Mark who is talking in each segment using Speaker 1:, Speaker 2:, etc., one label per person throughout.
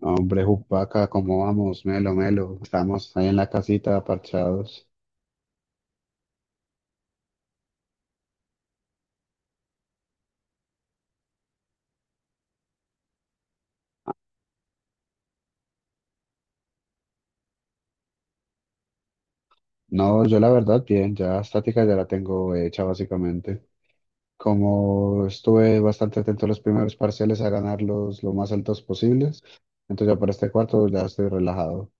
Speaker 1: Hombre, Jupaca, ¿cómo vamos? Melo, melo. Estamos ahí en la casita, parchados. No, yo la verdad, bien, ya estática ya la tengo hecha básicamente. Como estuve bastante atento a los primeros parciales a ganarlos lo más altos posibles, entonces ya para este cuarto ya estoy relajado.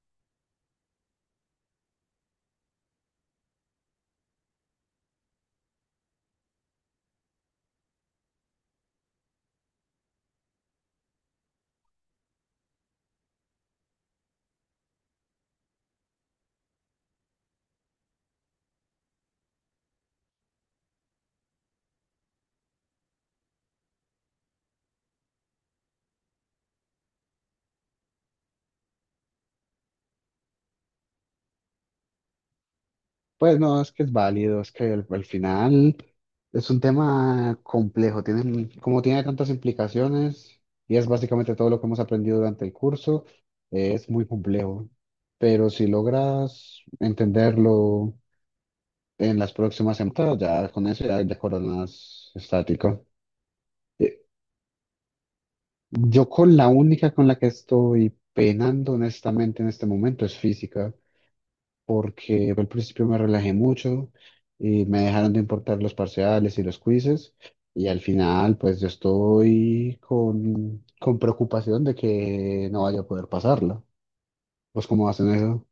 Speaker 1: Pues no, es que es válido, es que al final es un tema complejo, tiene, como tiene tantas implicaciones y es básicamente todo lo que hemos aprendido durante el curso, es muy complejo, pero si logras entenderlo en las próximas semanas, ya con eso ya, ya coronas estático. Eh, Yo con la única con la que estoy penando honestamente en este momento es física, porque al principio me relajé mucho y me dejaron de importar los parciales y los quizzes y al final pues yo estoy con preocupación de que no vaya a poder pasarla. ¿Pues cómo hacen eso?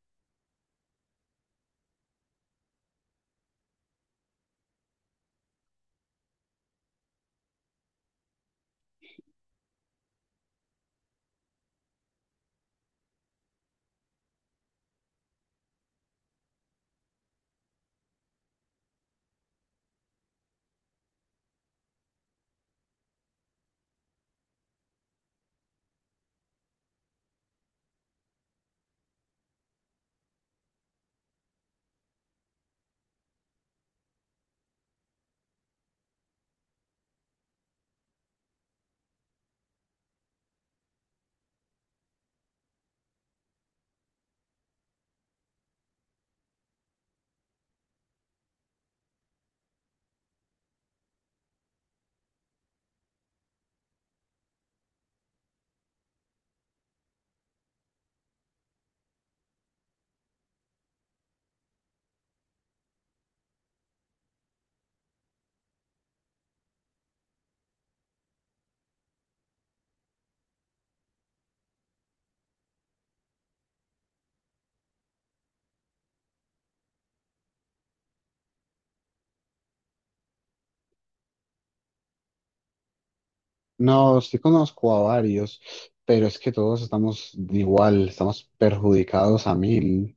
Speaker 1: No, sí conozco a varios, pero es que todos estamos igual, estamos perjudicados a mil.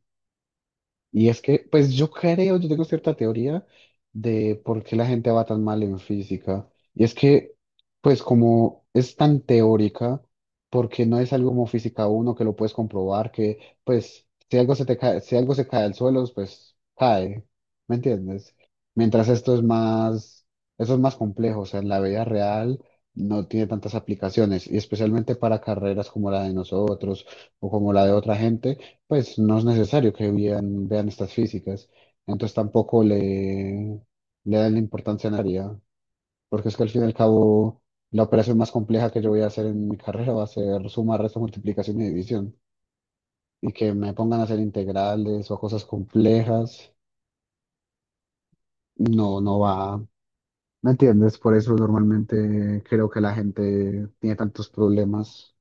Speaker 1: Y es que, pues yo creo, yo tengo cierta teoría de por qué la gente va tan mal en física. Y es que, pues como es tan teórica, porque no es algo como física uno que lo puedes comprobar, que pues si algo se te cae, si algo se cae al suelo, pues cae, ¿me entiendes? Mientras esto es más, eso es más complejo, o sea, en la vida real no tiene tantas aplicaciones, y especialmente para carreras como la de nosotros o como la de otra gente pues no es necesario que vean estas físicas, entonces tampoco le, le dan la importancia necesaria, porque es que al fin y al cabo la operación más compleja que yo voy a hacer en mi carrera va a ser suma, resta, multiplicación y división, y que me pongan a hacer integrales o cosas complejas, no, no va, ¿me entiendes? Por eso normalmente creo que la gente tiene tantos problemas.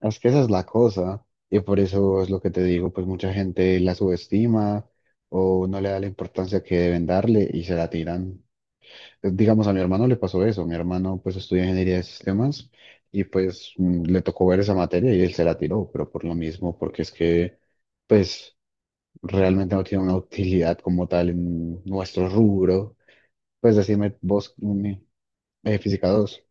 Speaker 1: Es que esa es la cosa, y por eso es lo que te digo, pues mucha gente la subestima o no le da la importancia que deben darle y se la tiran. Digamos, a mi hermano le pasó eso, mi hermano pues estudia ingeniería de sistemas y pues le tocó ver esa materia y él se la tiró, pero por lo mismo, porque es que pues realmente no tiene una utilidad como tal en nuestro rubro. Pues decime vos, física dos.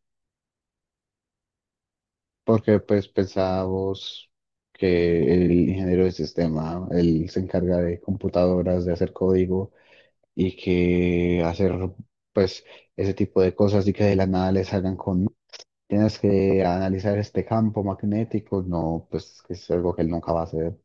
Speaker 1: Porque pues pensábamos que el ingeniero de sistema, él se encarga de computadoras, de hacer código y que hacer pues ese tipo de cosas y que de la nada les hagan con, tienes que analizar este campo magnético, no, pues que es algo que él nunca va a hacer.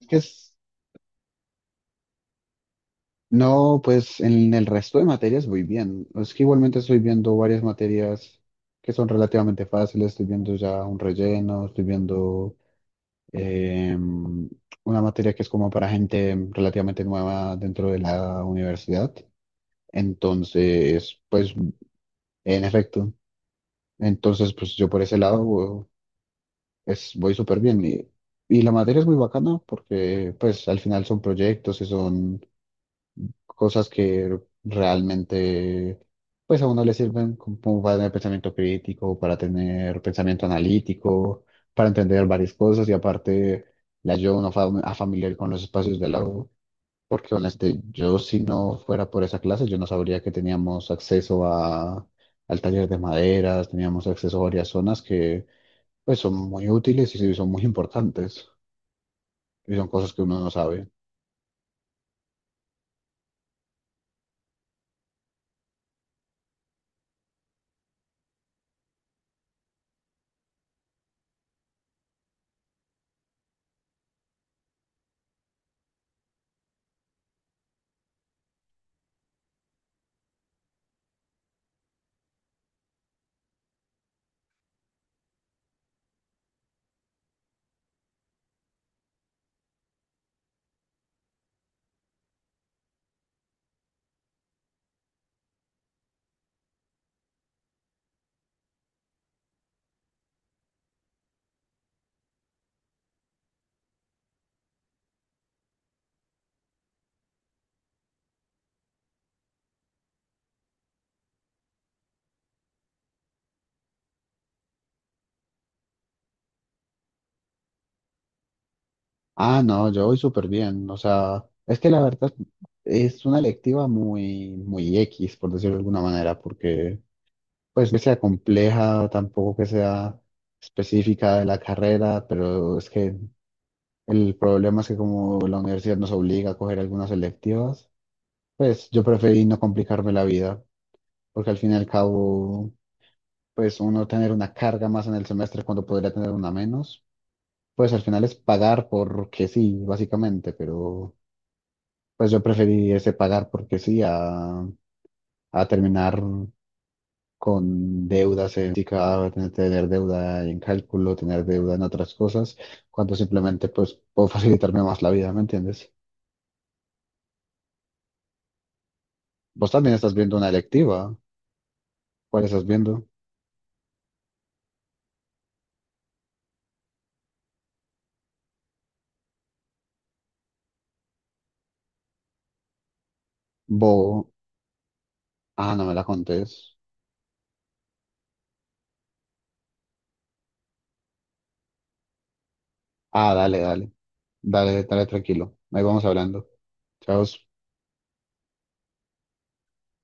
Speaker 1: Es que es- no, pues en el resto de materias muy bien. Es que igualmente estoy viendo varias materias que son relativamente fáciles, estoy viendo ya un relleno, estoy viendo eh, una materia que es como para gente relativamente nueva dentro de la universidad. Entonces, pues, en efecto, entonces, pues yo por ese lado voy súper bien. Y la materia es muy bacana porque, pues, al final son proyectos y son cosas que realmente pues a uno le sirven como para tener pensamiento crítico, para tener pensamiento analítico, para entender varias cosas y aparte la ayuda a uno a familiar con los espacios de la U, porque honestamente yo si no fuera por esa clase yo no sabría que teníamos acceso a, al taller de maderas, teníamos acceso a varias zonas que pues son muy útiles y sí son muy importantes y son cosas que uno no sabe. Ah, no, yo voy súper bien. O sea, es que la verdad es una electiva muy, muy X, por decirlo de alguna manera, porque pues que sea compleja, tampoco que sea específica de la carrera, pero es que el problema es que como la universidad nos obliga a coger algunas electivas, pues yo preferí no complicarme la vida, porque al fin y al cabo, pues uno tener una carga más en el semestre cuando podría tener una menos, pues al final es pagar porque sí, básicamente, pero... Pues yo preferiría ese pagar porque sí, a terminar con deudas en física, tener deuda en cálculo, tener deuda en otras cosas, cuando simplemente pues puedo facilitarme más la vida, ¿me entiendes? Vos también estás viendo una electiva. ¿Cuál estás viendo? Bo. Ah, no me la contés. Ah, dale, dale. Dale, dale tranquilo. Ahí vamos hablando. Chao.